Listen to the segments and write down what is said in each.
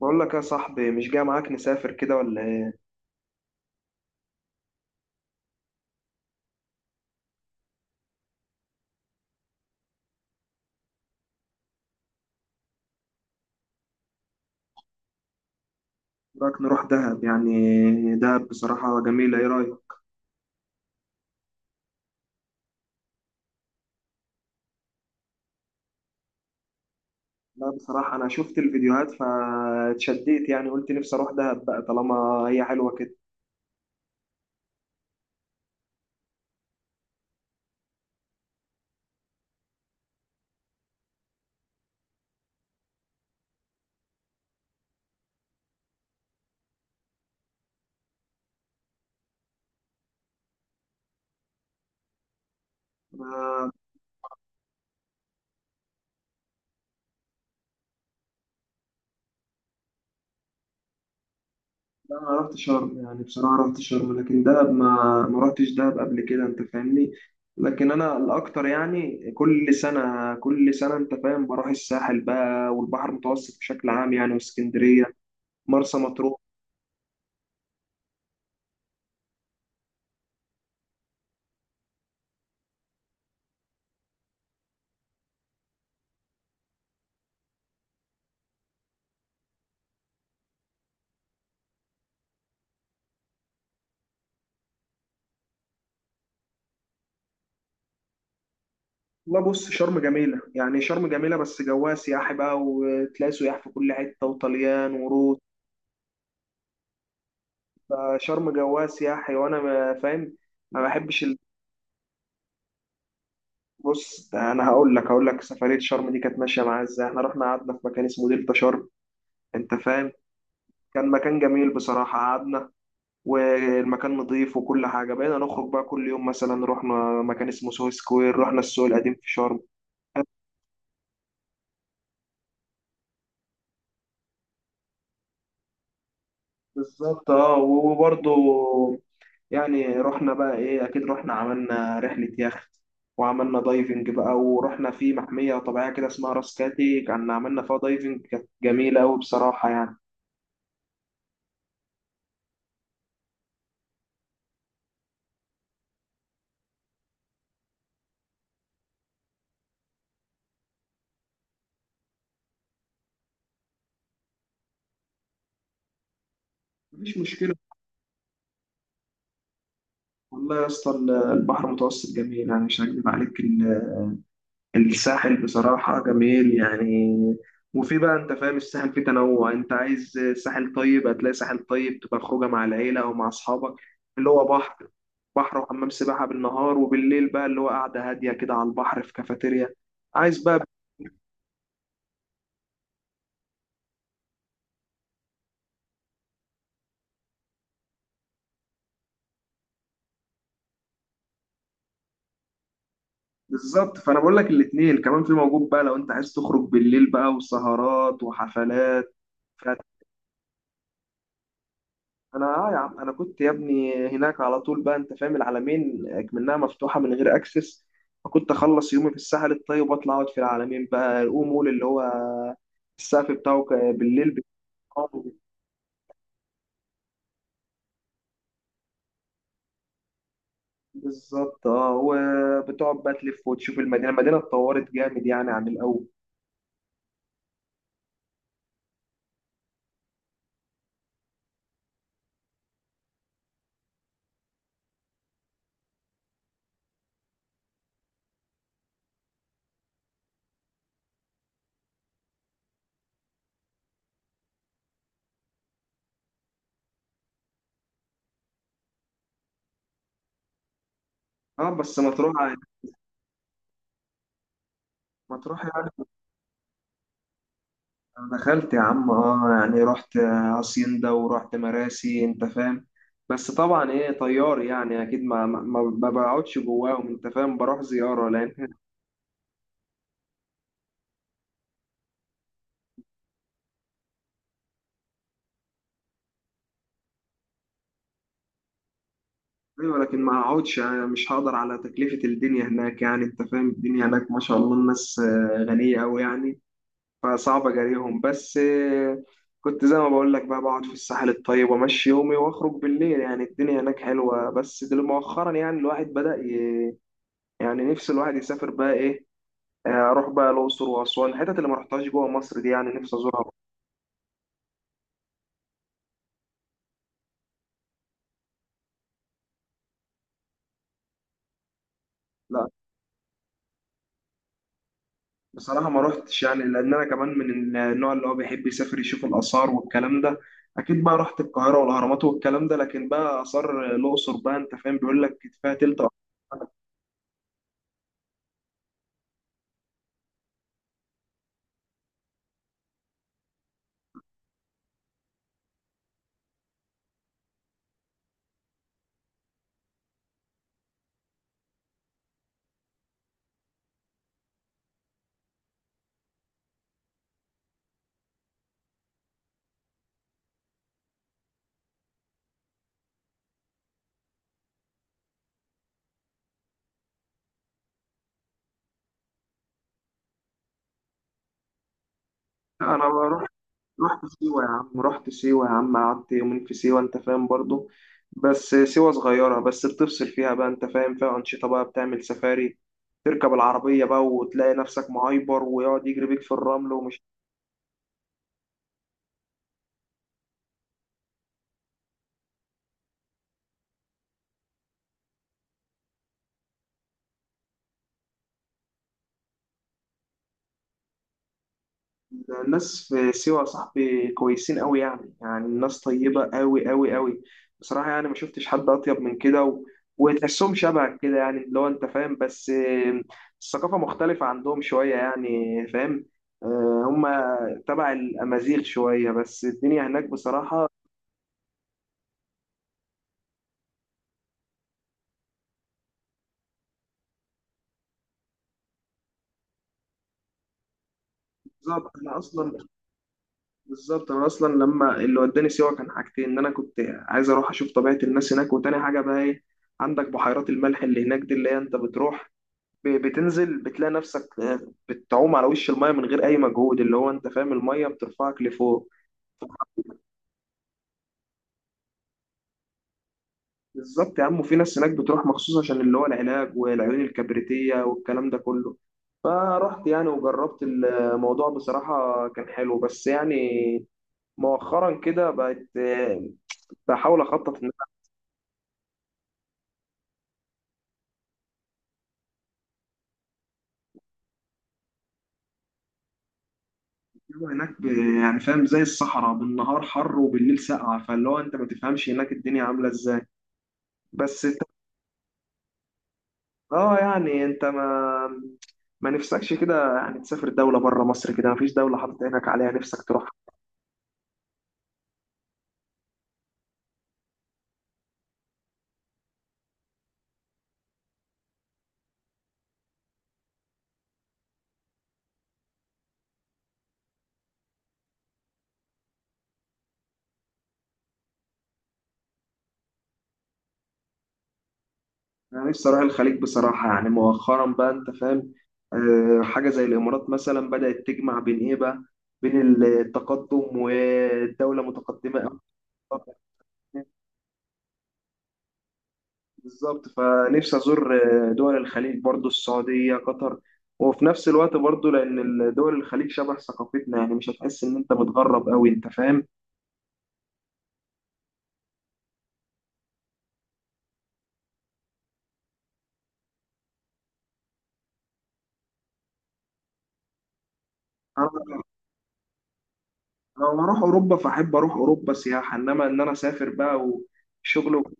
بقول لك يا صاحبي، مش جاي معاك نسافر كده ولا ايه؟ رايك نروح دهب؟ يعني دهب بصراحة جميلة، ايه رايك؟ لا بصراحة انا شفت الفيديوهات فاتشديت، يعني قلت نفسي اروح دهب بقى طالما هي حلوة كده. انا لا، انا رحت شرم، يعني بصراحة رحت شرم، لكن دهب ما رحتش دهب قبل كده، انت فاهمني؟ لكن انا الاكتر يعني كل سنة انت فاهم، بروح الساحل بقى والبحر المتوسط بشكل عام، يعني واسكندرية، مرسى مطروح. لا بص، شرم جميلة، يعني شرم جميلة بس جواها سياحي بقى، وتلاقي سياح في كل حتة، وطليان وروس. فشرم جواها سياحي، وأنا فاهم، ما بحبش بص أنا هقول لك، هقول لك سفرية شرم دي كانت ماشية معايا إزاي. إحنا رحنا قعدنا في مكان اسمه دلتا شرم، أنت فاهم؟ كان مكان جميل بصراحة، قعدنا والمكان نظيف وكل حاجة. بقينا نخرج بقى كل يوم، مثلا رحنا مكان اسمه سوهو سكوير، رحنا السوق القديم في شرم. بالظبط اه، وبرضه يعني رحنا بقى ايه، اكيد رحنا عملنا رحلة يخت، وعملنا دايفنج بقى، ورحنا في محمية طبيعية كده اسمها راس كاتي، كان عملنا فيها دايفنج، كانت جميلة أوي بصراحة يعني. مفيش مشكلة. والله يا اسطى، البحر المتوسط جميل، يعني مش هكذب عليك، الساحل بصراحة جميل يعني. وفي بقى انت فاهم، الساحل فيه تنوع. انت عايز ساحل طيب، هتلاقي ساحل طيب تبقى خروجه مع العيلة او مع اصحابك، اللي هو بحر، بحر وحمام سباحة بالنهار، وبالليل بقى اللي هو قاعدة هادية كده على البحر في كافيتيريا. عايز بقى بالظبط، فانا بقول لك الاتنين كمان في موجود بقى، لو انت عايز تخرج بالليل بقى وسهرات وحفلات. انا اه يا عم، انا كنت يا ابني هناك على طول بقى، انت فاهم، العلمين اكمنها مفتوحه من غير اكسس، فكنت اخلص يومي في الساحل الطيب واطلع اقعد في العلمين بقى، الأو مول اللي هو السقف بتاعه بالليل بتاعه بالظبط اه. وبتقعد بقى تلف وتشوف المدينه، المدينه اتطورت جامد يعني عن الاول. اه بس مطروح، مطروح يعني، أنا دخلت يا عم اه، يعني رحت هاسيندا ورحت مراسي، انت فاهم. بس طبعا ايه، طيار يعني اكيد ما بقعدش جواهم، انت فاهم، بروح زياره لان ايوه، لكن ما اقعدش يعني، مش هقدر على تكلفه الدنيا هناك، يعني انت فاهم، الدنيا هناك ما شاء الله الناس غنيه قوي يعني، فصعب اجاريهم. بس كنت زي ما بقول لك بقى، بقعد في الساحل الطيب وامشي يومي واخرج بالليل، يعني الدنيا هناك حلوه، بس دل مؤخرا يعني الواحد بدأ يعني نفس الواحد يسافر بقى ايه، اروح بقى الاقصر واسوان، الحتت اللي ما رحتهاش جوه مصر دي يعني نفسي ازورها. لا بصراحه ما رحتش، يعني لان انا كمان من النوع اللي هو بيحب يسافر يشوف الاثار والكلام ده. اكيد بقى رحت القاهره والاهرامات والكلام ده، لكن بقى اثار الاقصر بقى انت فاهم بيقول لك فيها تلت أسوان. لا، انا بقى رحت، رحت سيوه يا عم، رحت سيوه يا عم، قعدت يومين في سيوه، انت فاهم برضو. بس سيوه صغيره، بس بتفصل فيها بقى انت فاهم، فيها انشطه بقى، بتعمل سفاري، تركب العربية بقى وتلاقي نفسك معايبر ويقعد يجري بيك في الرمل ومش الناس في سيوة يا صاحبي كويسين قوي، يعني يعني الناس طيبة قوي قوي قوي بصراحة، يعني ما شفتش حد أطيب من كده. وتحسهم شبهك كده يعني، اللي هو أنت فاهم، بس الثقافة مختلفة عندهم شوية يعني، فاهم؟ هما تبع الأمازيغ شوية، بس الدنيا هناك بصراحة بالظبط. أنا أصلا لما اللي وداني سيوة كان حاجتين، إن أنا كنت عايز أروح أشوف طبيعة الناس هناك، وتاني حاجة بقى إيه، عندك بحيرات الملح اللي هناك دي، اللي هي أنت بتروح بتنزل بتلاقي نفسك بتعوم على وش المايه من غير اي مجهود، اللي هو انت فاهم، المايه بترفعك لفوق. بالظبط يا عم، وفي ناس هناك بتروح مخصوص عشان اللي هو العلاج والعيون الكبريتية والكلام ده كله. فرحت يعني وجربت الموضوع، بصراحة كان حلو، بس يعني مؤخرا كده بقت بحاول أخطط إن أنا أعمل هناك يعني فاهم، زي الصحراء بالنهار حر وبالليل ساقعة، فاللي هو أنت ما تفهمش هناك الدنيا عاملة إزاي. بس اه يعني، انت ما نفسكش كده يعني تسافر دولة بره مصر؟ كده مفيش دولة حاطط عينك عليها نفسك تروح؟ انا نفسي اروح الخليج بصراحة، يعني مؤخرا بقى انت فاهم، حاجة زي الامارات مثلا بدأت تجمع بين ايه بقى، بين التقدم والدولة متقدمة أوي. بالظبط فنفسي ازور دول الخليج برضو، السعودية، قطر، وفي نفس الوقت برضو لان دول الخليج شبه ثقافتنا، يعني مش هتحس ان انت متغرب قوي، انت فاهم. أنا لما أروح أوروبا فأحب أروح أوروبا سياحة، إنما إن أنا أسافر بقى وشغل وكده،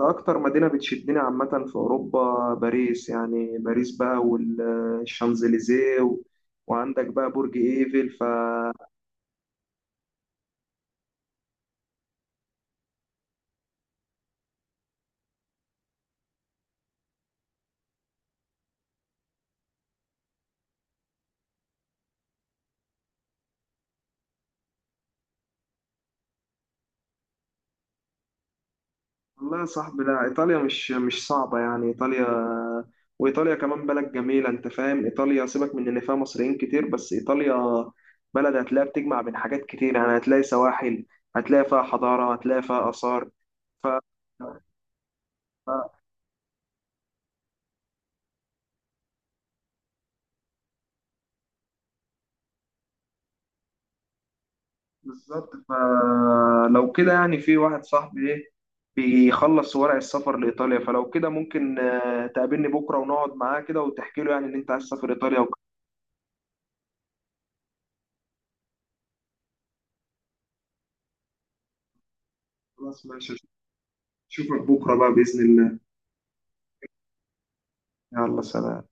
أكتر مدينة بتشدني عامة في أوروبا باريس، يعني باريس بقى والشانزليزيه وعندك بقى برج إيفل ف والله يا صاحبي، لا إيطاليا مش صعبة، يعني إيطاليا، وإيطاليا كمان بلد جميلة، أنت فاهم، إيطاليا سيبك من إن فيها مصريين كتير، بس إيطاليا بلد هتلاقي بتجمع بين حاجات كتير، يعني هتلاقي سواحل، هتلاقي فيها حضارة، هتلاقي فيها آثار ف... بالظبط. فلو كده يعني، في واحد صاحبي ايه بيخلص ورق السفر لإيطاليا، فلو كده ممكن تقابلني بكرة، ونقعد معاه كده وتحكي له يعني إن أنت عايز تسافر إيطاليا وكده. خلاص ماشي، أشوفك بكرة بقى بإذن الله. يلا سلام.